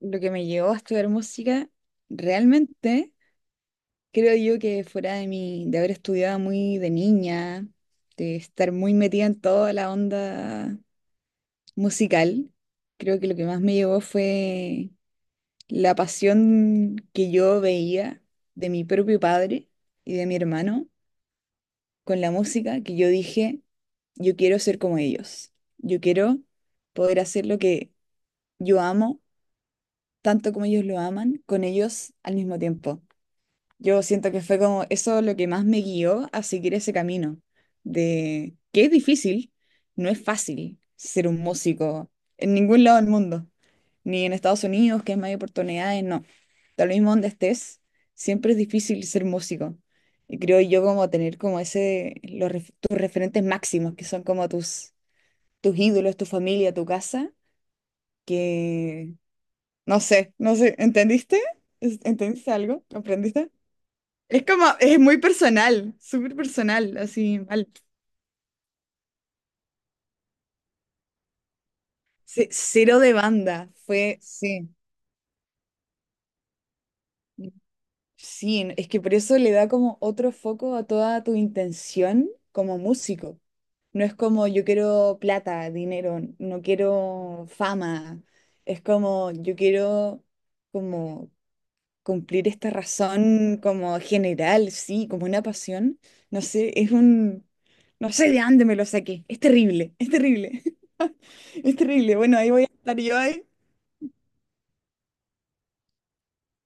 Lo que me llevó a estudiar música, realmente creo yo que fuera de mi, de haber estudiado muy de niña, de estar muy metida en toda la onda musical, creo que lo que más me llevó fue la pasión que yo veía de mi propio padre y de mi hermano con la música, que yo dije, yo quiero ser como ellos, yo quiero poder hacer lo que yo amo, tanto como ellos lo aman, con ellos al mismo tiempo. Yo siento que fue como eso lo que más me guió a seguir ese camino, de que es difícil, no es fácil ser un músico en ningún lado del mundo, ni en Estados Unidos, que es más hay oportunidades, no. Tal mismo donde estés, siempre es difícil ser músico. Y creo yo como tener como ese, los, tus referentes máximos, que son como tus, tus ídolos, tu familia, tu casa, que no sé, ¿entendiste? ¿Entendiste algo? ¿Comprendiste? Es como, es muy personal, súper personal, así mal. Cero de banda, fue, sí. Sí, es que por eso le da como otro foco a toda tu intención como músico. No es como yo quiero plata, dinero, no quiero fama. Es como yo quiero como cumplir esta razón como general, sí, como una pasión. No sé, es un, no sé de dónde me lo saqué. Es terrible, es terrible. Es terrible. Bueno, ahí voy a estar yo ahí.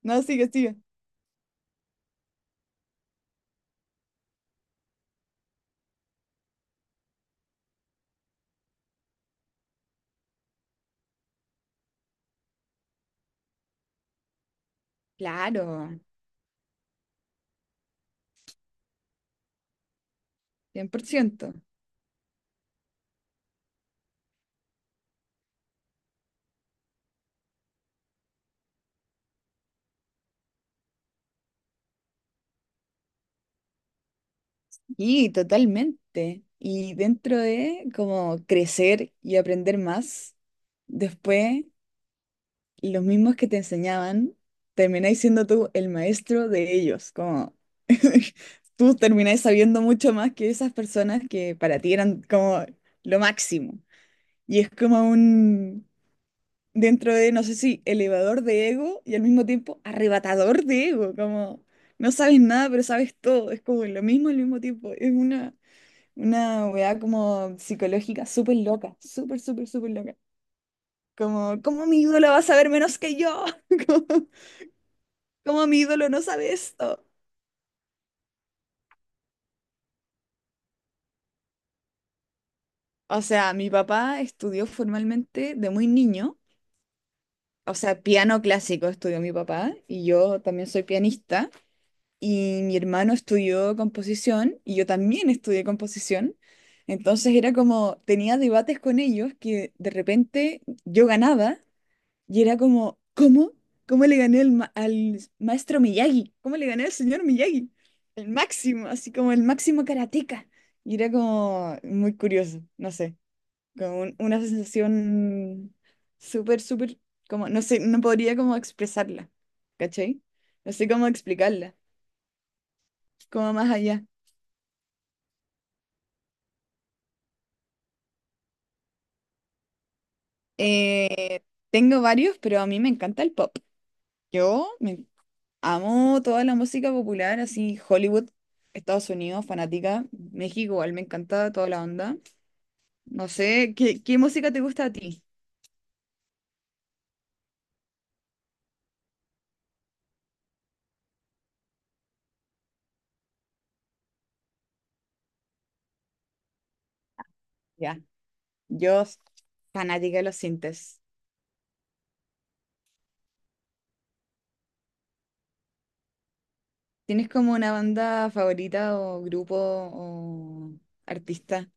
No, sigue, sigue. Claro, cien por ciento. Y totalmente. Y dentro de como crecer y aprender más, después los mismos que te enseñaban, termináis siendo tú el maestro de ellos. Como tú termináis sabiendo mucho más que esas personas que para ti eran como lo máximo. Y es como un, dentro de, no sé si elevador de ego y al mismo tiempo arrebatador de ego, como no sabes nada, pero sabes todo, es como lo mismo al mismo tiempo, es una weá como psicológica súper loca, súper, súper loca. Como, ¿cómo mi ídolo va a saber menos que yo? ¿Cómo, cómo mi ídolo no sabe esto? O sea, mi papá estudió formalmente de muy niño, o sea, piano clásico estudió mi papá y yo también soy pianista. Y mi hermano estudió composición y yo también estudié composición. Entonces era como, tenía debates con ellos que de repente yo ganaba y era como, ¿cómo? ¿Cómo le gané al, al maestro Miyagi? ¿Cómo le gané al señor Miyagi? El máximo, así como el máximo karateka. Y era como muy curioso, no sé, como una sensación súper, súper, como, no sé, no podría como expresarla, ¿cachai? No sé cómo explicarla como más allá. Eh, tengo varios, pero a mí me encanta el pop. Yo me amo toda la música popular, así Hollywood, Estados Unidos, fanática. México igual me encanta toda la onda. No sé, ¿qué, qué música te gusta a ti? Ya, yo s- fanática de los sintes. ¿Tienes como una banda favorita o grupo o artista?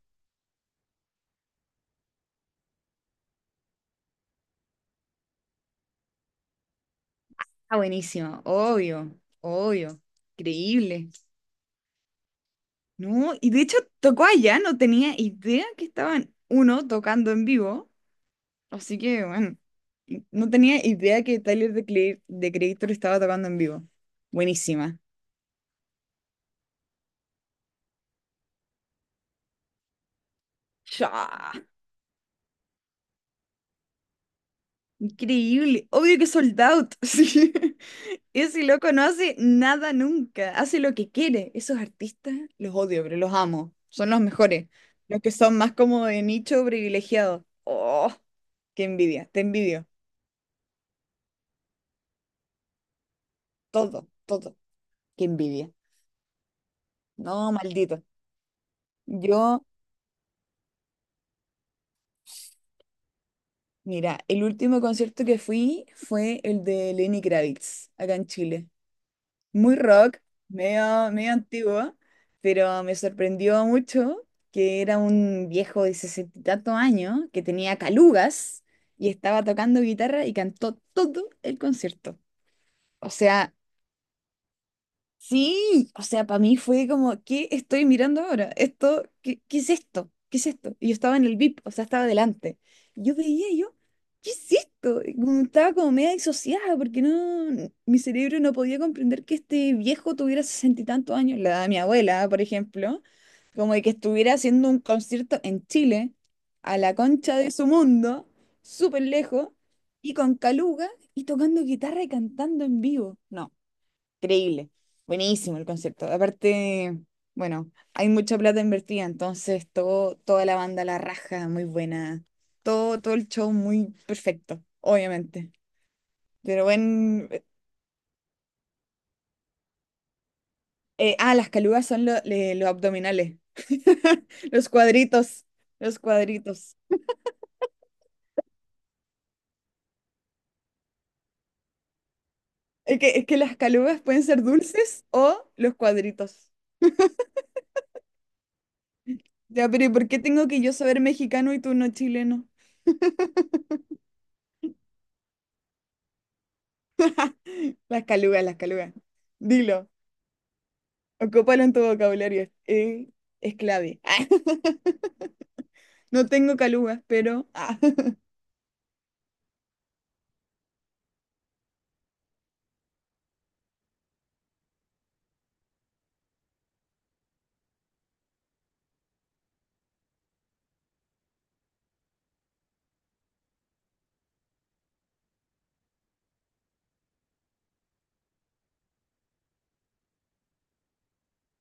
Ah, buenísimo, obvio, obvio, increíble. No, y de hecho tocó allá, no tenía idea que estaban uno tocando en vivo, así que bueno, y no tenía idea que Tyler de cre the Creator estaba tocando en vivo. Buenísima. Chá, increíble, obvio que sold out. Sí. Ese loco no hace nada nunca, hace lo que quiere. Esos artistas los odio, pero los amo. Son los mejores, los que son más como de nicho privilegiado. Oh, qué envidia, te envidio. Todo, todo, qué envidia. No, maldito. Yo, mira, el último concierto que fui fue el de Lenny Kravitz, acá en Chile. Muy rock, medio, medio antiguo, pero me sorprendió mucho que era un viejo de sesenta y tantos años que tenía calugas y estaba tocando guitarra y cantó todo el concierto. O sea, sí, o sea, para mí fue como, ¿qué estoy mirando ahora? Esto, ¿qué, qué es esto? ¿Qué es esto? Y yo estaba en el VIP, o sea, estaba delante. Yo veía y yo, ¿qué es esto? Y como estaba como media disociada porque no, mi cerebro no podía comprender que este viejo tuviera sesenta y tantos años, la edad de mi abuela, por ejemplo, como de que estuviera haciendo un concierto en Chile, a la concha de su mundo, súper lejos, y con Caluga y tocando guitarra y cantando en vivo. No. Increíble, buenísimo el concepto. Aparte, bueno, hay mucha plata invertida, entonces todo, toda la banda la raja, muy buena. Todo, todo el show muy perfecto, obviamente. Pero bueno, ah, las calugas son los abdominales. Los cuadritos, los cuadritos. Es que las calugas pueden ser dulces o los cuadritos. Ya, pero ¿y por qué tengo que yo saber mexicano y tú no chileno? Las calugas, las calugas. Dilo. Ocúpalo en tu vocabulario, es clave. No tengo calugas, pero... ah.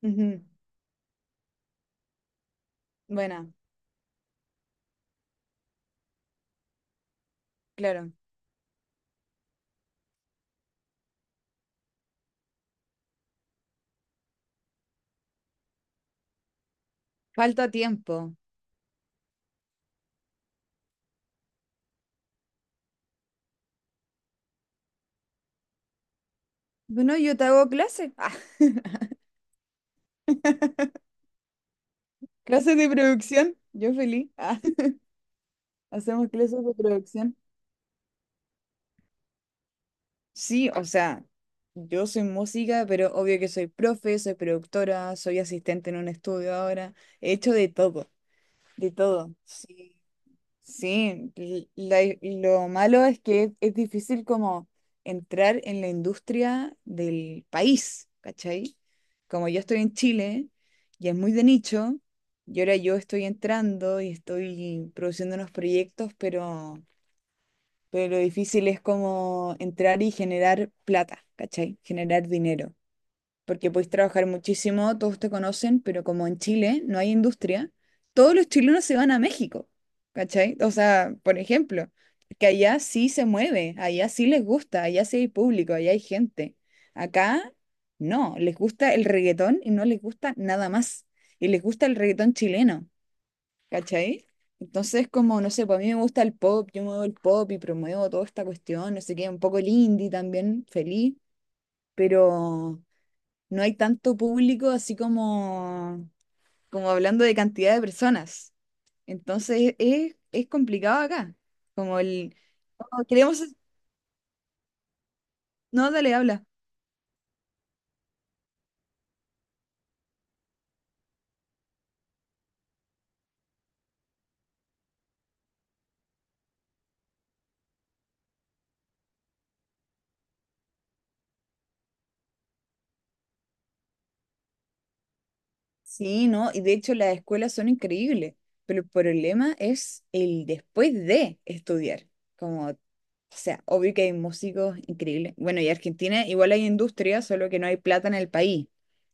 Ujú. Bueno, claro. Falta tiempo. Bueno, yo te hago clase. Ah. Clases de producción, yo feliz. Ah. Hacemos clases de producción. Sí, o sea, yo soy música, pero obvio que soy profe, soy productora, soy asistente en un estudio ahora. He hecho de todo, de todo. Sí. Sí, lo malo es que es difícil como entrar en la industria del país, ¿cachai? Como yo estoy en Chile y es muy de nicho, y ahora yo estoy entrando y estoy produciendo unos proyectos, pero lo difícil es como entrar y generar plata, ¿cachai? Generar dinero porque podéis trabajar muchísimo, todos te conocen, pero como en Chile no hay industria, todos los chilenos se van a México, ¿cachai? O sea, por ejemplo, que allá sí se mueve, allá sí les gusta, allá sí hay público, allá hay gente. Acá no, les gusta el reggaetón y no les gusta nada más. Y les gusta el reggaetón chileno, ¿cachai? Entonces, como, no sé, pues a mí me gusta el pop, yo muevo el pop y promuevo toda esta cuestión, no sé qué, un poco el indie también, feliz, pero no hay tanto público así como, como hablando de cantidad de personas. Entonces es complicado acá. Como el, "Oh, queremos, no, dale, habla. Sí, no, y de hecho las escuelas son increíbles, pero el problema es el después de estudiar. Como, o sea, obvio que hay músicos increíbles. Bueno, y Argentina igual hay industria, solo que no hay plata en el país,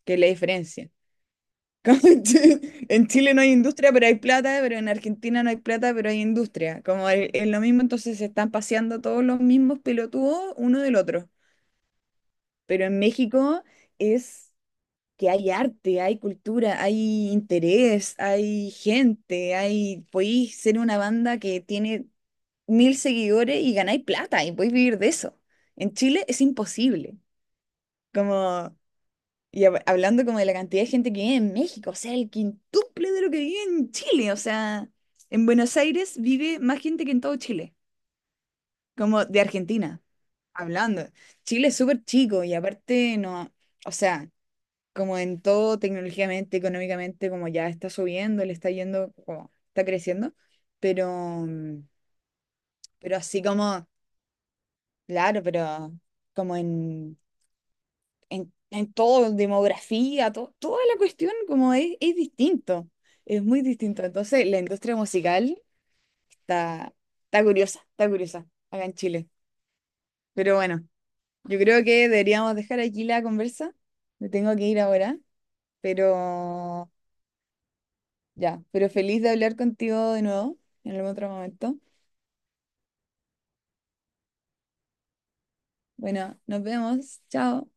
que es la diferencia. Como en Chile, en Chile no hay industria, pero hay plata, pero en Argentina no hay plata, pero hay industria. Como es lo mismo, entonces se están paseando todos los mismos pelotudos uno del otro. Pero en México es que hay arte, hay cultura, hay interés, hay gente, hay... Podéis ser una banda que tiene mil seguidores y ganáis plata y podéis vivir de eso. En Chile es imposible. Como y hablando como de la cantidad de gente que vive en México, o sea, el quintuple de lo que vive en Chile, o sea, en Buenos Aires vive más gente que en todo Chile, como de Argentina, hablando. Chile es súper chico y aparte no, o sea, como en todo tecnológicamente, económicamente, como ya está subiendo, le está yendo, como está creciendo, pero, mm, pero así como, claro, pero como en en todo, demografía, toda la cuestión como es distinto, es muy distinto. Entonces, la industria musical está, está curiosa acá en Chile. Pero bueno, yo creo que deberíamos dejar aquí la conversa. Me tengo que ir ahora, pero ya, pero feliz de hablar contigo de nuevo en algún otro momento. Bueno, nos vemos. Chao.